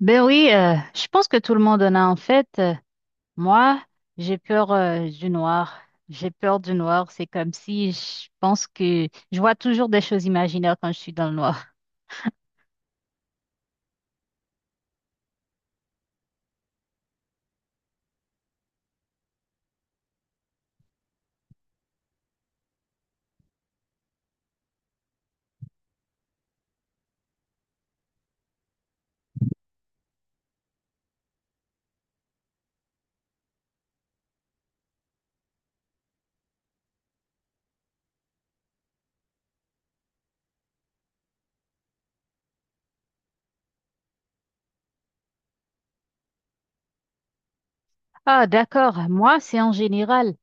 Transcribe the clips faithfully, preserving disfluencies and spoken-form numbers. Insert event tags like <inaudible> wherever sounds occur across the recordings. Ben oui, euh, je pense que tout le monde en a en fait. Euh, moi, j'ai peur euh, du noir. J'ai peur du noir. C'est comme si je pense que je vois toujours des choses imaginaires quand je suis dans le noir. Ah, d'accord. Moi, c'est en général.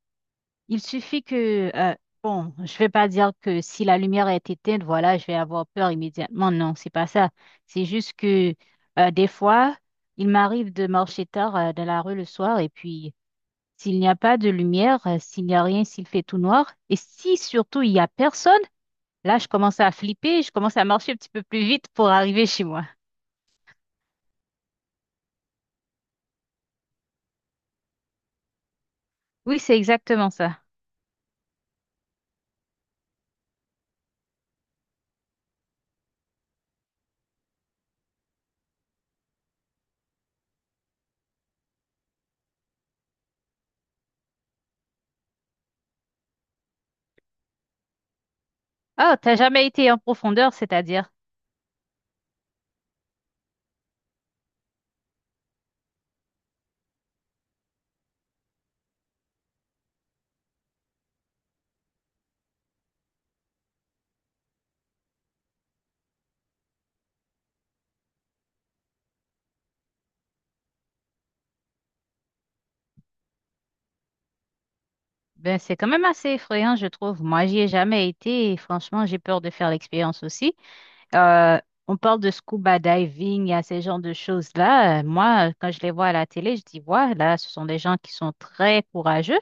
Il suffit que, euh, bon, je vais pas dire que si la lumière est éteinte, voilà, je vais avoir peur immédiatement. Non, c'est pas ça. C'est juste que euh, des fois, il m'arrive de marcher tard euh, dans la rue le soir et puis S'il n'y a pas de lumière, euh, s'il n'y a rien, s'il fait tout noir, et si surtout il n'y a personne, là, je commence à flipper, je commence à marcher un petit peu plus vite pour arriver chez moi. Oui, c'est exactement ça. Ah, t'as jamais été en profondeur, c'est-à-dire? Ben, c'est quand même assez effrayant, je trouve. Moi, j'y ai jamais été et franchement, j'ai peur de faire l'expérience aussi. Euh, on parle de scuba diving, il y a ces genres de choses-là. Euh, Moi, euh, quand je les vois à la télé, je dis, ouais, là, ce sont des gens qui sont très courageux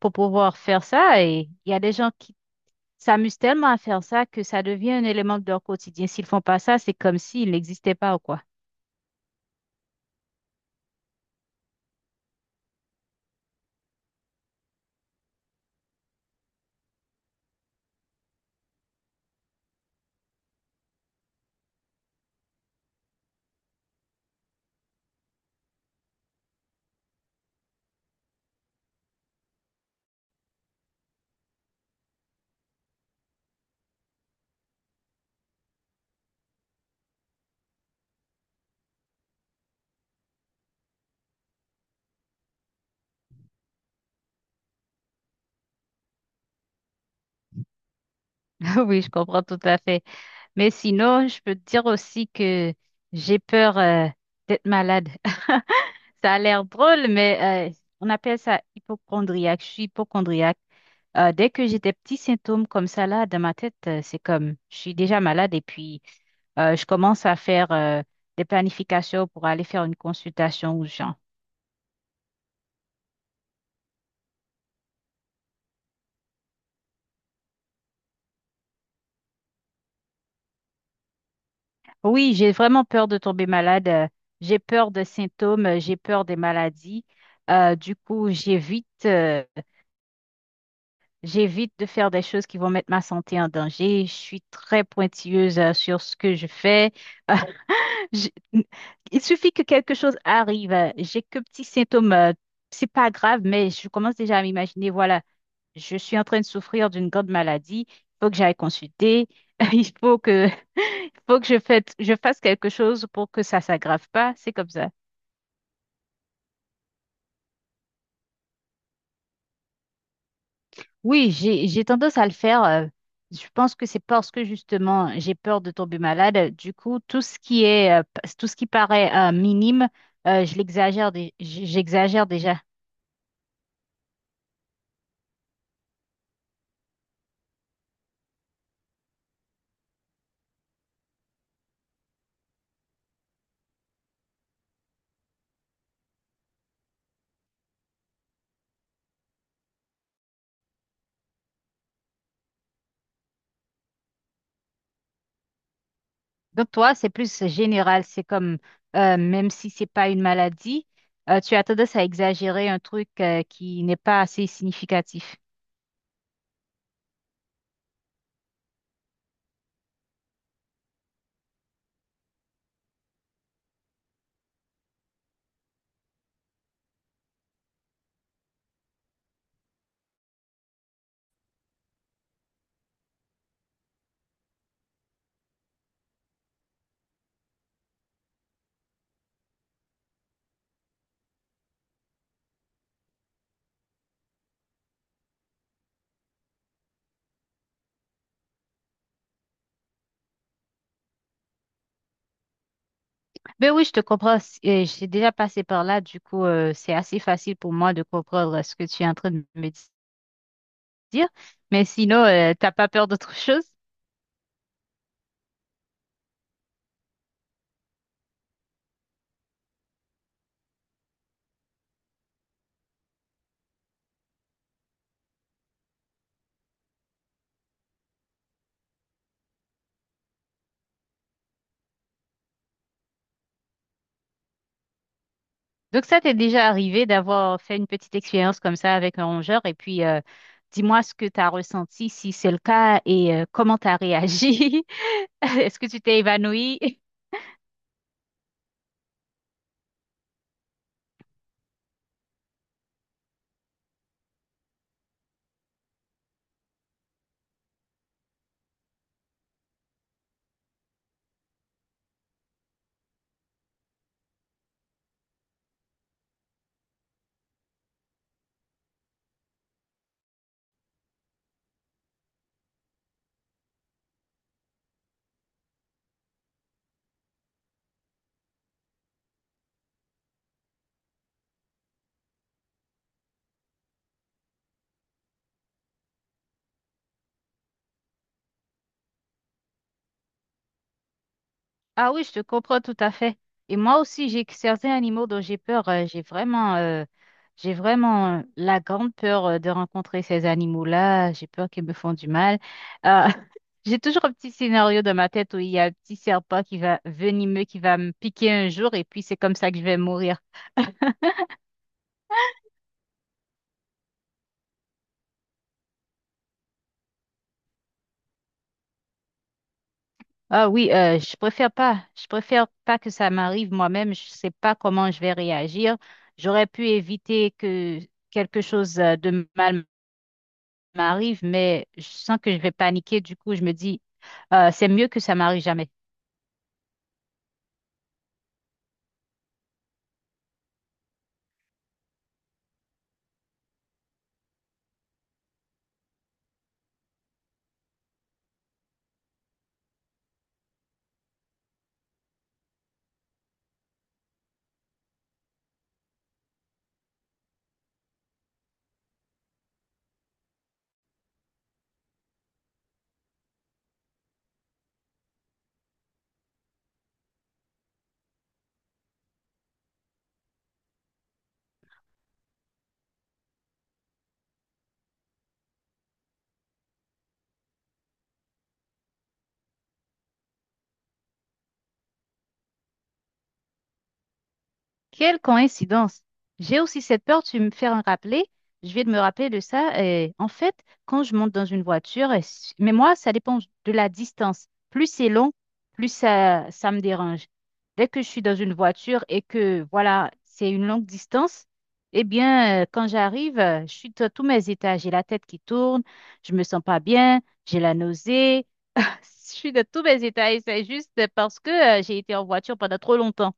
pour pouvoir faire ça. Et il y a des gens qui s'amusent tellement à faire ça que ça devient un élément de leur quotidien. S'ils font pas ça, c'est comme s'ils n'existaient pas ou quoi. <laughs> Oui, je comprends tout à fait. Mais sinon, je peux te dire aussi que j'ai peur euh, d'être malade. <laughs> Ça a l'air drôle, mais euh, on appelle ça hypochondriaque. Je suis hypochondriaque. Euh, dès que j'ai des petits symptômes comme ça là dans ma tête, euh, c'est comme je suis déjà malade et puis Euh, je commence à faire euh, des planifications pour aller faire une consultation aux gens. Oui, j'ai vraiment peur de tomber malade. euh, J'ai peur des symptômes, euh, j'ai peur des maladies. Euh, du coup, j'évite, euh, j'évite de faire des choses qui vont mettre ma santé en danger. Je suis très pointilleuse euh, sur ce que je fais. <laughs> J'ai- Il suffit que quelque chose arrive. euh, J'ai que petits symptômes. euh, C'est pas grave, mais je commence déjà à m'imaginer, voilà, je suis en train de souffrir d'une grande maladie. Il faut que j'aille consulter. <laughs> Il faut que, <laughs> il faut que je fasse, je fasse quelque chose pour que ça s'aggrave pas. C'est comme ça. Oui, j'ai, j'ai tendance à le faire. euh, Je pense que c'est parce que justement, j'ai peur de tomber malade. euh, Du coup, tout ce qui est, euh, p- tout ce qui paraît euh, minime, euh, je l'exagère, dé- j- j'exagère déjà. Donc toi, c'est plus général, c'est comme euh, même si c'est pas une maladie, euh, tu as tendance à exagérer un truc euh, qui n'est pas assez significatif. Ben oui, je te comprends. c- euh, J'ai déjà passé par là, du coup, euh, c'est assez facile pour moi de comprendre ce que tu es en train de me dire. Mais sinon, euh, t'as pas peur d'autre <laughs> chose? Donc ça t'est déjà arrivé d'avoir fait une petite expérience comme ça avec un rongeur et puis euh, dis-moi ce que tu as ressenti, si c'est le cas et euh, comment tu as réagi. <laughs> Est-ce que tu t'es évanoui? Ah oui, je te comprends tout à fait. Et moi aussi, j'ai que certains animaux dont j'ai peur. euh, J'ai vraiment, euh, j'ai vraiment euh, la grande peur euh, de rencontrer ces animaux-là. J'ai peur qu'ils me font du mal. Euh, <laughs> j'ai toujours un petit scénario dans ma tête où il y a un petit serpent qui va venimeux, qui va me piquer un jour, et puis c'est comme ça que je vais mourir. Ah oui, euh, je préfère pas. Je préfère pas que ça m'arrive moi-même. Je sais pas comment je vais réagir. J'aurais pu éviter que quelque chose euh, de mal m'arrive, mais je sens que je vais paniquer. Du coup, je me dis, euh, c'est mieux que ça m'arrive jamais. Quelle coïncidence! J'ai aussi cette peur, tu me fais en rappeler. Je vais me rappeler de ça. Et en fait, quand je monte dans une voiture, et s- mais moi, ça dépend de la distance. Plus c'est long, plus ça, ça me dérange. Dès que je suis dans une voiture et que, voilà, c'est une longue distance, eh bien, euh, quand j'arrive, euh, je suis à tous mes états. J'ai la tête qui tourne, je me sens pas bien, j'ai la nausée. Je suis de tous mes détails, c'est juste parce que euh, j'ai été en voiture pendant trop longtemps.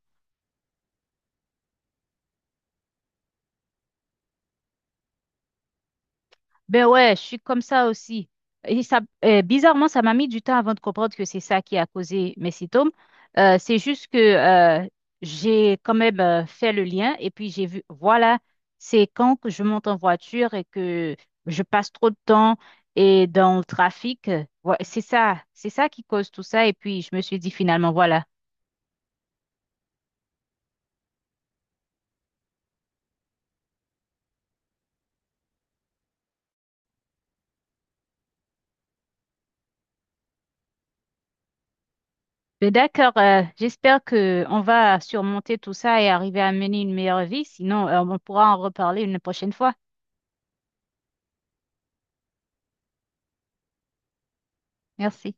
Ben ouais, je suis comme ça aussi. Et ça, euh, bizarrement, ça m'a mis du temps avant de comprendre que c'est ça qui a causé mes symptômes. Euh, c'est juste que euh, j'ai quand même euh, fait le lien et puis j'ai vu, voilà, c'est quand que je monte en voiture et que je passe trop de temps et dans le trafic. Euh, ouais, c'est ça, c'est ça qui cause tout ça. Et puis je me suis dit finalement, voilà. Mais d'accord, euh, j'espère que on va surmonter tout ça et arriver à mener une meilleure vie. Sinon, euh, on pourra en reparler une prochaine fois. Merci.